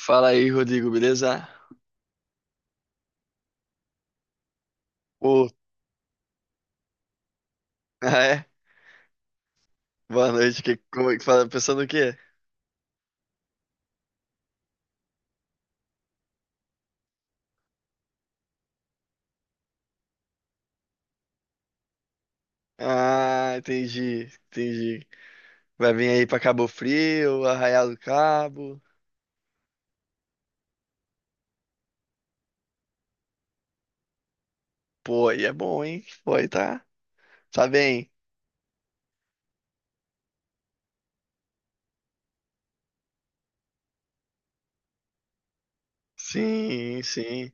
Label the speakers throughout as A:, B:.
A: Fala aí, Rodrigo, beleza? Ô, ah, é? Boa noite. Que, como é que fala? Pensando o quê? Ah, entendi, entendi. Vai vir aí pra Cabo Frio, Arraial do Cabo. Pô, aí é bom, hein? Pô, aí tá, tá bem. Sim, sim.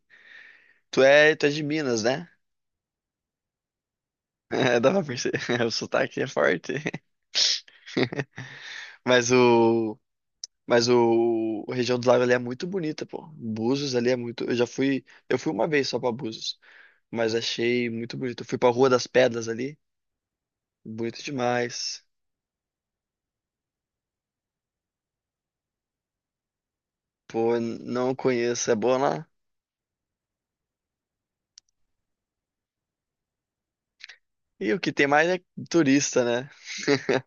A: Tu é de Minas, né? É, dá pra perceber. O sotaque é forte. Mas o, mas a região do lago ali é muito bonita, pô. Búzios ali é muito. Eu fui uma vez só pra Búzios, mas achei muito bonito. Eu fui pra Rua das Pedras ali, bonito demais. Pô, não conheço, é bom lá? E o que tem mais é turista, né?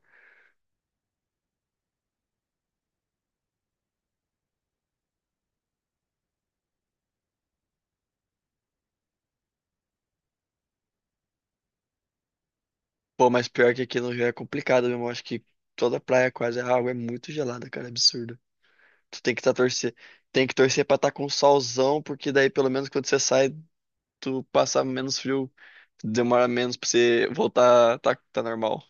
A: Pô, mas pior que aqui no Rio é complicado mesmo. Eu acho que toda praia quase a água é muito gelada, cara, é absurdo. Tu tem que tá torcer, Tem que torcer pra estar com solzão, porque daí pelo menos quando você sai, tu passa menos frio, demora menos pra você voltar, tá, tá normal.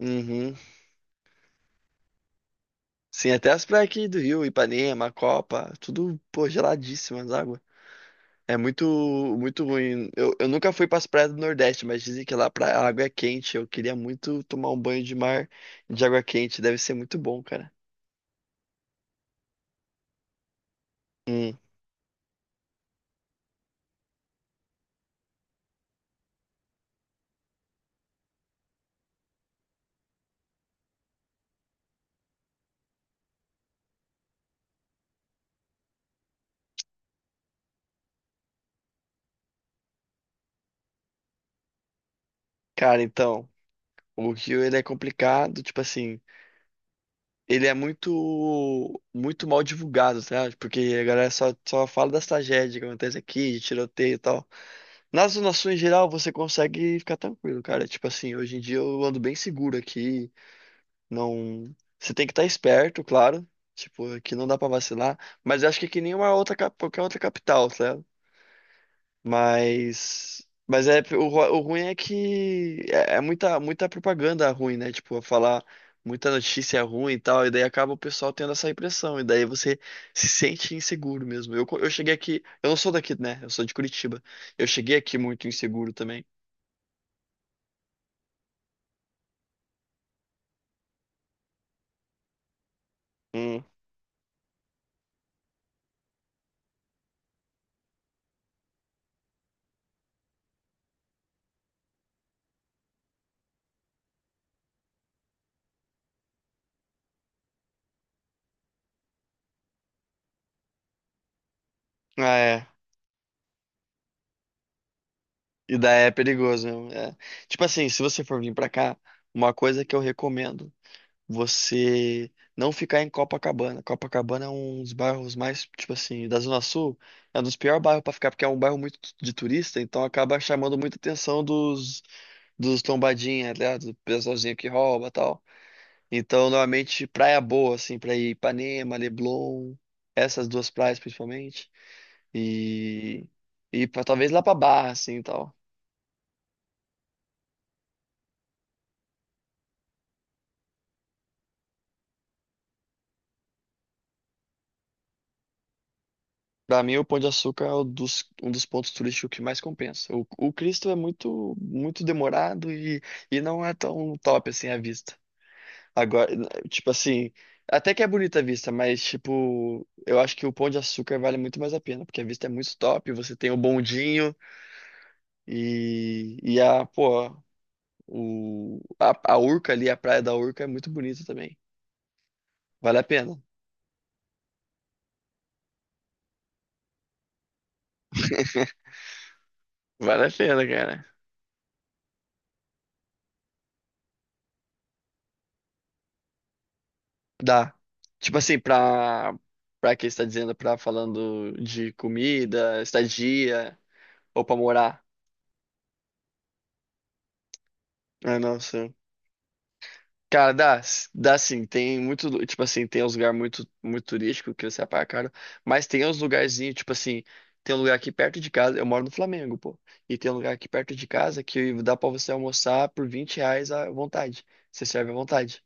A: Uhum. Sim, até as praias aqui do Rio, Ipanema, Copa, tudo, pô, geladíssimas águas. É muito, muito ruim. Eu nunca fui para as praias do Nordeste, mas dizem que lá pra, a água é quente. Eu queria muito tomar um banho de mar de água quente. Deve ser muito bom, cara. Hum. Cara, então, o Rio ele é complicado, tipo assim, ele é muito, muito mal divulgado, sabe? Porque a galera só fala das tragédias que acontecem aqui, de tiroteio e tal. Nas zonas sul em geral, você consegue ficar tranquilo, cara. Tipo assim, hoje em dia eu ando bem seguro aqui. Não, você tem que estar esperto, claro. Tipo, que não dá pra vacilar, mas eu acho que é que nem uma outra qualquer outra capital, sabe? Mas é o, o ruim é que é, é muita propaganda ruim, né? Tipo, falar muita notícia ruim e tal, e daí acaba o pessoal tendo essa impressão, e daí você se sente inseguro mesmo. Eu cheguei aqui, eu não sou daqui, né? Eu sou de Curitiba. Eu cheguei aqui muito inseguro também. Hum. Ah, é. E daí é perigoso mesmo. É. Tipo assim, se você for vir pra cá, uma coisa que eu recomendo, você não ficar em Copacabana. Copacabana é um dos bairros mais, tipo assim, da Zona Sul, é um dos piores bairros pra ficar, porque é um bairro muito de turista, então acaba chamando muita atenção dos, dos tombadinha, né? Do pessoalzinho que rouba e tal. Então, normalmente, praia boa, assim, pra ir Ipanema, Leblon, essas duas praias principalmente. E, e pra, talvez lá pra Barra, assim, e tal. Pra mim, o Pão de Açúcar é um dos pontos turísticos que mais compensa. O Cristo é muito muito demorado e não é tão top assim a vista. Agora, tipo assim, até que é bonita a vista, mas tipo, eu acho que o Pão de Açúcar vale muito mais a pena, porque a vista é muito top, você tem o bondinho e, pô, a Urca ali, a praia da Urca é muito bonita também. Vale a pena. Vale a pena, cara. Dá. Tipo assim, pra, pra quem está dizendo, pra falando de comida, estadia, ou pra morar. Ah, não, sim. Cara, dá, dá sim. Tem muito, tipo assim, tem uns lugares muito, muito turístico que você paga caro, mas tem uns lugarzinhos, tipo assim, tem um lugar aqui perto de casa, eu moro no Flamengo, pô, e tem um lugar aqui perto de casa que dá pra você almoçar por 20 reais à vontade. Você serve à vontade.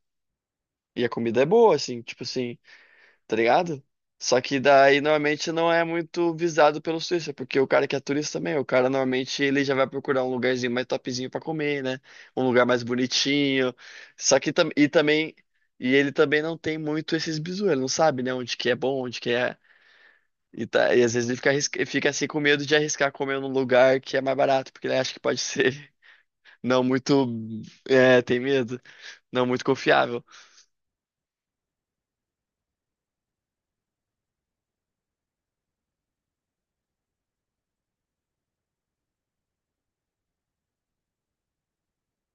A: E a comida é boa, assim, tipo assim, tá ligado? Só que daí normalmente não é muito visado pelo turista, porque o cara que é turista também, o cara normalmente ele já vai procurar um lugarzinho mais topzinho pra comer, né? Um lugar mais bonitinho. E também ele também não tem muito esses bizu, ele não sabe, né, onde que é bom, onde que é. E às vezes ele fica, ele fica assim com medo de arriscar comer num lugar que é mais barato, porque ele acha que pode ser não muito, é, tem medo, não muito confiável.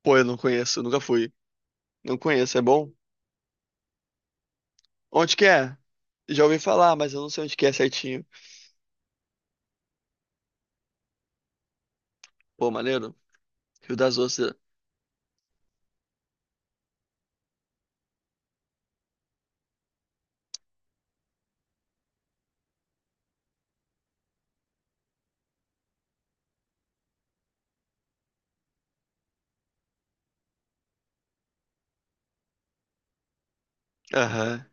A: Pô, eu não conheço, nunca fui. Não conheço, é bom? Onde que é? Já ouvi falar, mas eu não sei onde que é certinho. Pô, maneiro. Rio das Ostras. Aham.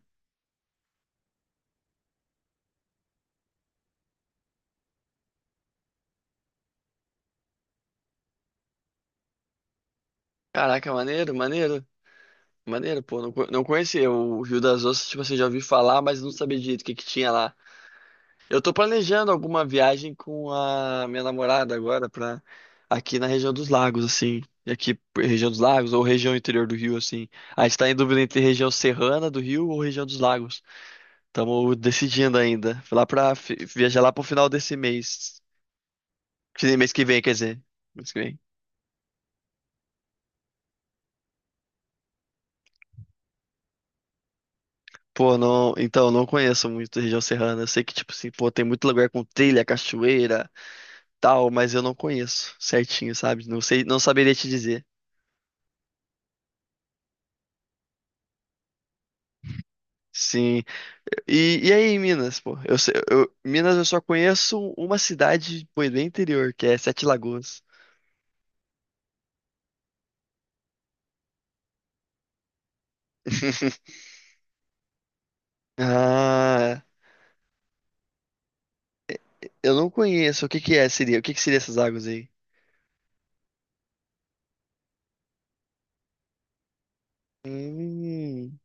A: Caraca, maneiro, maneiro. Maneiro, pô. Não, não conhecia o Rio das Ostras, tipo assim, já ouvi falar, mas não sabia direito o que que tinha lá. Eu tô planejando alguma viagem com a minha namorada agora pra aqui na região dos lagos, assim. E aqui, região dos lagos ou região interior do Rio, assim. A gente tá em dúvida entre região serrana do Rio ou região dos lagos. Estamos decidindo ainda. Fui lá pra viajar lá pro final desse mês. Que mês que vem, quer dizer. Mês que vem. Pô, não. Então, não conheço muito a região serrana. Eu sei que, tipo assim, pô, tem muito lugar com trilha, cachoeira, tal, mas eu não conheço certinho, sabe? Não sei, não saberia te dizer. Sim. E aí, em Minas, pô? Minas eu só conheço uma cidade, pô, bem interior, que é Sete Lagoas. Ah, eu não conheço. O que que é, seria? O que que seria essas águas aí? Hum.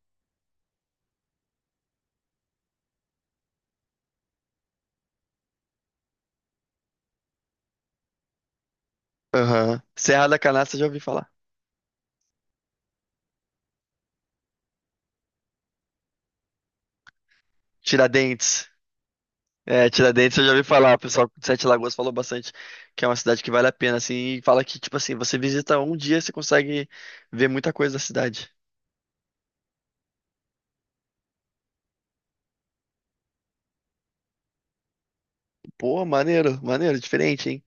A: Aham. Serra da Canastra, já ouvi falar. Tiradentes. É, Tiradentes eu já ouvi falar, o pessoal de Sete Lagoas falou bastante que é uma cidade que vale a pena, assim, e fala que, tipo assim, você visita um dia, você consegue ver muita coisa da cidade. Pô, maneiro, maneiro, diferente, hein?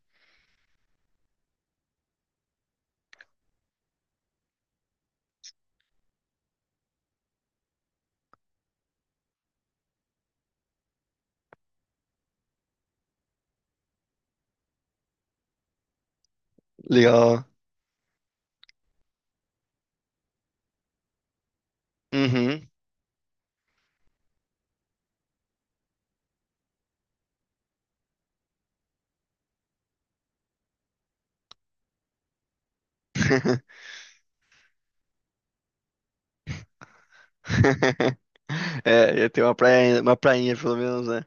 A: Legal. Uhum. É, ia ter uma praia, uma prainha, pelo menos, né?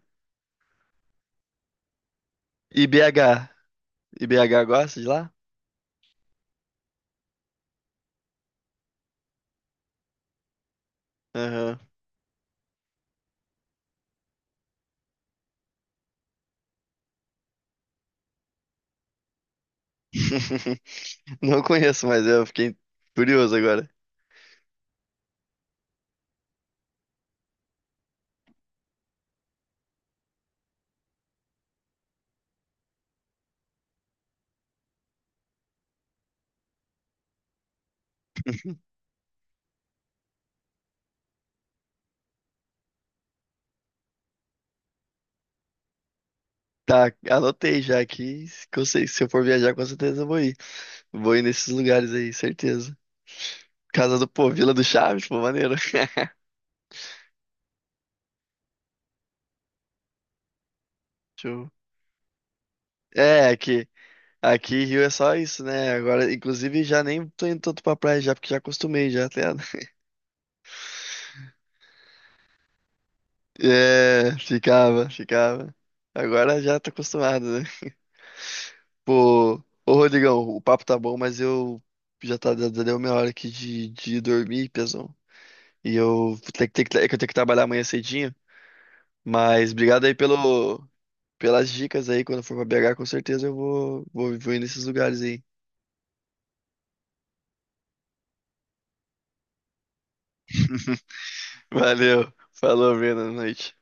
A: E BH? E BH gosta de lá? Aham. Não conheço, mas eu fiquei curioso agora. Tá, anotei já aqui, que eu sei, se eu for viajar, com certeza eu vou ir. Vou ir nesses lugares aí, certeza. Casa do Povo, Vila do Chaves, pô, maneiro. Show. É, aqui, aqui Rio é só isso, né? Agora, inclusive, já nem tô indo tanto pra praia já, porque já acostumei já até. É, ficava, ficava. Agora já tô acostumado, né? Pô, ô Rodrigão, o papo tá bom, mas eu já deu minha hora aqui de dormir, pesão. E eu vou ter que eu tenho que trabalhar amanhã cedinho. Mas obrigado aí pelo, pelas dicas aí, quando for pra BH, com certeza eu vou ir nesses lugares aí. Valeu, falou, Breno, boa noite.